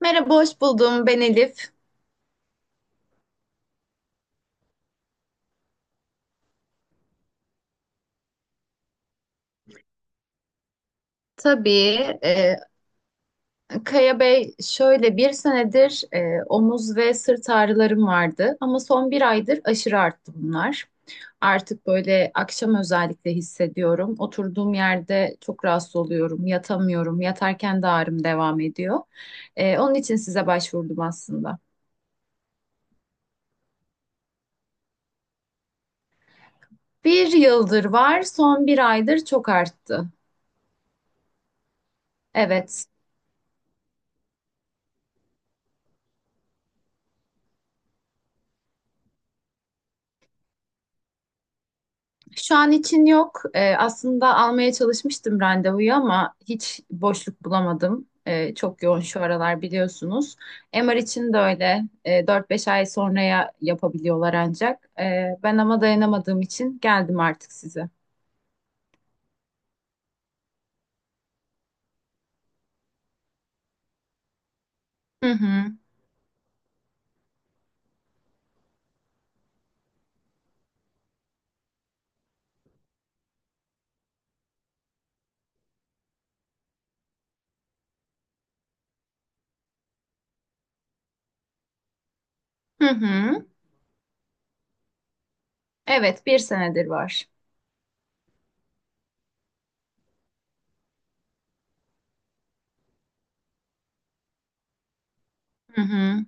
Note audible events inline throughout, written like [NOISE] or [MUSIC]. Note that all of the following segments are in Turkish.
Merhaba, hoş buldum. Ben Elif. Tabii. e, Kaya Bey, şöyle bir senedir omuz ve sırt ağrılarım vardı ama son bir aydır aşırı arttı bunlar. Artık böyle akşam özellikle hissediyorum. Oturduğum yerde çok rahatsız oluyorum, yatamıyorum. Yatarken de ağrım devam ediyor. Onun için size başvurdum aslında. Bir yıldır var, son bir aydır çok arttı. Evet. Şu an için yok. Aslında almaya çalışmıştım randevuyu ama hiç boşluk bulamadım. Çok yoğun şu aralar biliyorsunuz. MR için de öyle. 4-5 ay sonraya yapabiliyorlar ancak. Ben ama dayanamadığım için geldim artık size. Hı hı. Hı hı. Evet, bir senedir var. Hı hı.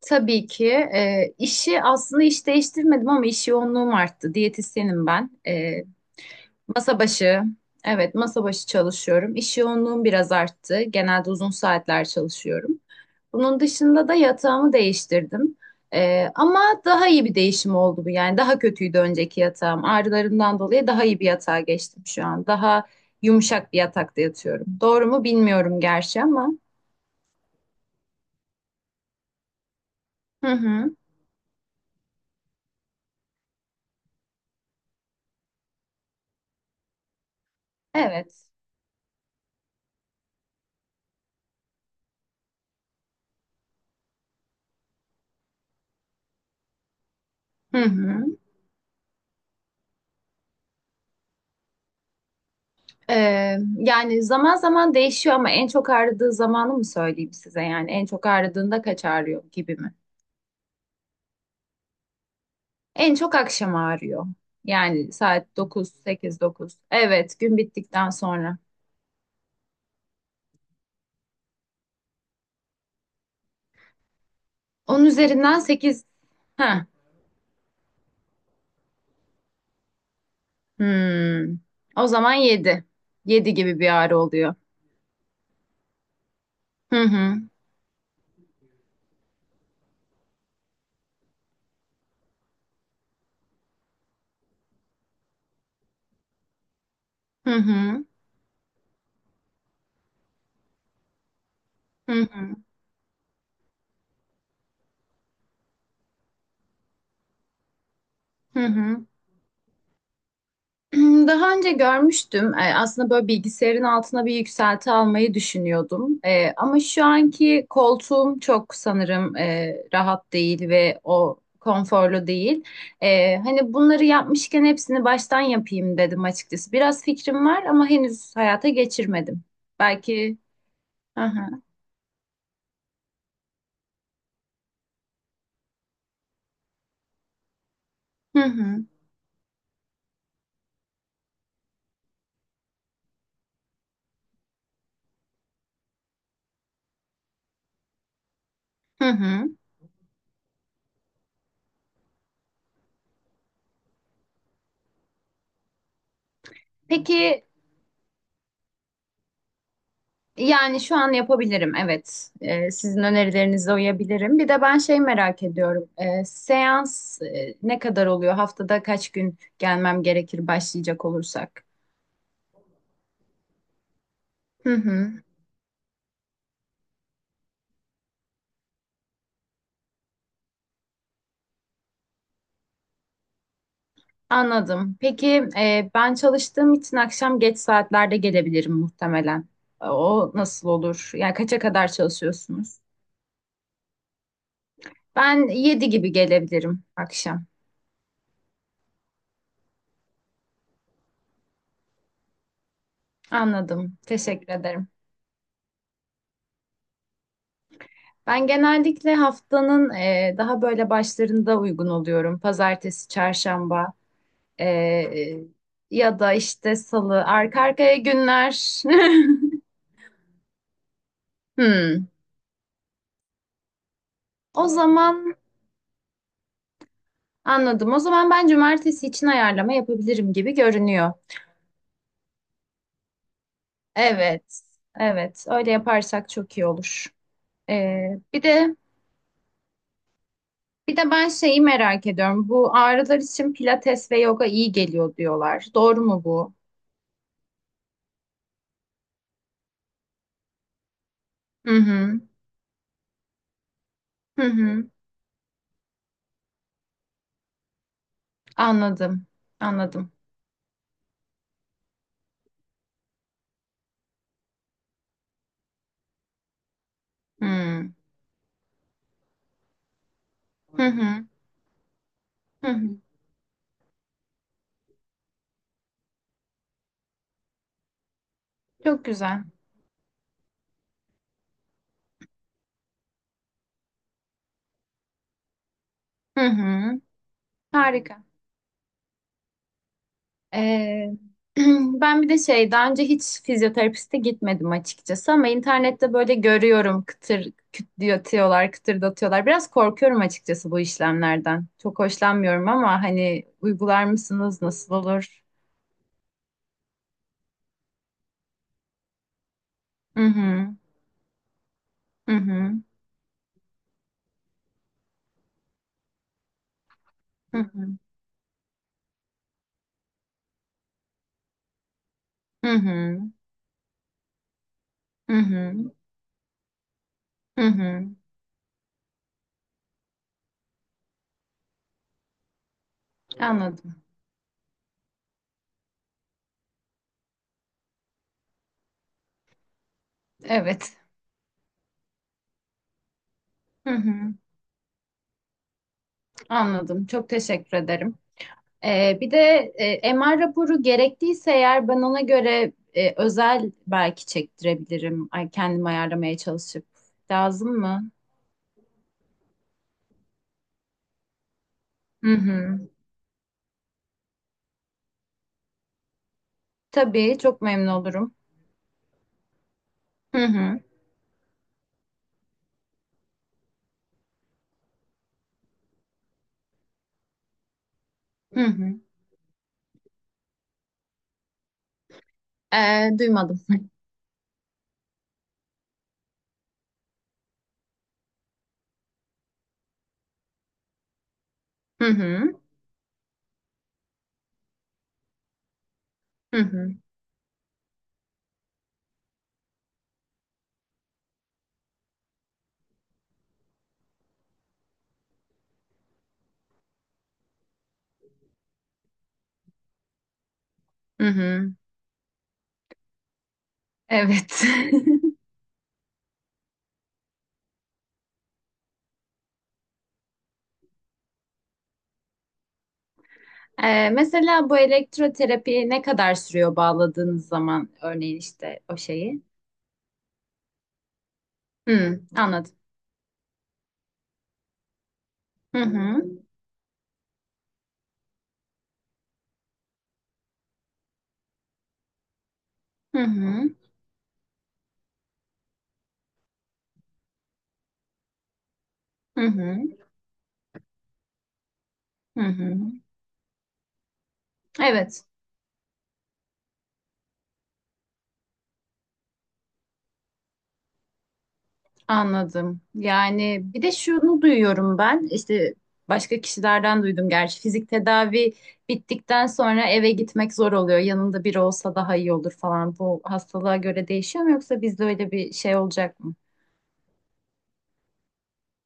Tabii ki. İşi aslında iş değiştirmedim ama iş yoğunluğum arttı. Diyetisyenim ben. Masa başı. Evet, masa başı çalışıyorum. İş yoğunluğum biraz arttı. Genelde uzun saatler çalışıyorum. Bunun dışında da yatağımı değiştirdim. Ama daha iyi bir değişim oldu bu. Yani daha kötüydü önceki yatağım. Ağrılarımdan dolayı daha iyi bir yatağa geçtim şu an. Daha yumuşak bir yatakta yatıyorum. Doğru mu bilmiyorum gerçi ama. Hı hı. Evet. Hı hı. Yani zaman zaman değişiyor ama en çok ağrıdığı zamanı mı söyleyeyim size? Yani en çok ağrıdığında kaç ağrıyor gibi mi? En çok akşam ağrıyor. Yani saat dokuz, 8 9. Evet, gün bittikten sonra. Onun üzerinden 8. Ha. Hmm. O zaman 7. 7 gibi bir ağrı oluyor. Hı hı. Hı hı. Hı hı. Hı hı. Hmm, daha önce görmüştüm. Aslında böyle bilgisayarın altına bir yükselti almayı düşünüyordum. Ama şu anki koltuğum çok sanırım rahat değil ve o konforlu değil. Hani bunları yapmışken hepsini baştan yapayım dedim açıkçası. Biraz fikrim var ama henüz hayata geçirmedim. Belki. Hı hı. Hı hı. Hı hı. Peki. Yani şu an yapabilirim, evet. Sizin önerilerinize uyabilirim. Bir de ben şey merak ediyorum. Seans ne kadar oluyor? Haftada kaç gün gelmem gerekir başlayacak olursak? Hı hı, anladım. Peki, ben çalıştığım için akşam geç saatlerde gelebilirim muhtemelen. O nasıl olur? Yani kaça kadar çalışıyorsunuz? Ben 7 gibi gelebilirim akşam. Anladım. Teşekkür ederim. Ben genellikle haftanın daha böyle başlarında uygun oluyorum. Pazartesi, çarşamba, e, e, ya da işte salı, arka arkaya günler. [LAUGHS] Hmm. O zaman anladım. O zaman ben cumartesi için ayarlama yapabilirim gibi görünüyor. Evet, evet. Öyle yaparsak çok iyi olur. E, bir de bir de ben şeyi merak ediyorum. Bu ağrılar için pilates ve yoga iyi geliyor diyorlar. Doğru mu bu? Hı hı. Hı hı. Anladım. Anladım. Hmm. Hı hı. Hı hı. Çok güzel. Hı hı. Harika. Ee, [CLEARS THROAT] ben bir de şey, daha önce hiç fizyoterapiste gitmedim açıkçası ama internette böyle görüyorum kıtır kütletiyorlar, kıtırdatıyorlar. Biraz korkuyorum açıkçası bu işlemlerden. Çok hoşlanmıyorum ama hani uygular mısınız? Nasıl olur? Hı hı. Hı hı. Hı hı. Hı hı. Hı hı. Hı hı. Anladım. Evet. Hı hı. Anladım. Çok teşekkür ederim. Bir de MR raporu gerektiyse eğer ben ona göre, özel belki çektirebilirim. Ay, kendim ayarlamaya çalışıp. Lazım mı? Hı hı. Tabii çok memnun olurum. Hı hı. Hı hı. Duymadım. Hı hı. Hı hı. Hı hı. Evet. [LAUGHS] Mesela bu elektroterapi ne kadar sürüyor bağladığınız zaman, örneğin işte o şeyi? Hı, anladım. Hı hı. Hı hı. Hı hı. Hı hı. Evet, anladım. Yani bir de şunu duyuyorum ben, işte başka kişilerden duydum gerçi. Fizik tedavi bittikten sonra eve gitmek zor oluyor. Yanında biri olsa daha iyi olur falan. Bu hastalığa göre değişiyor mu yoksa bizde öyle bir şey olacak mı?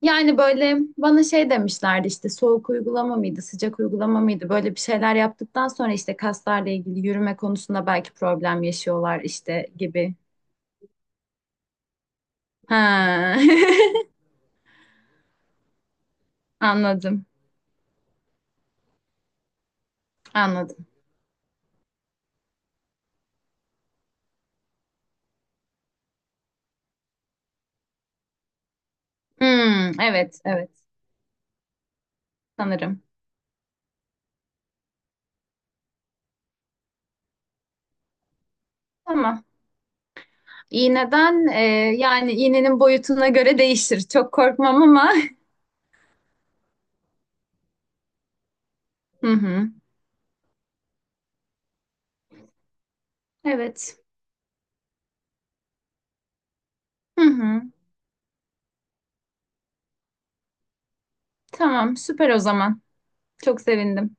Yani böyle bana şey demişlerdi, işte soğuk uygulama mıydı, sıcak uygulama mıydı? Böyle bir şeyler yaptıktan sonra işte kaslarla ilgili yürüme konusunda belki problem yaşıyorlar işte gibi. Ha. [LAUGHS] Anladım, anladım. Hmm, evet, evet sanırım. Tamam. İğneden, yani iğnenin boyutuna göre değişir. Çok korkmam ama. [LAUGHS] Hı hı. Evet. Hı hı. Tamam, süper o zaman. Çok sevindim.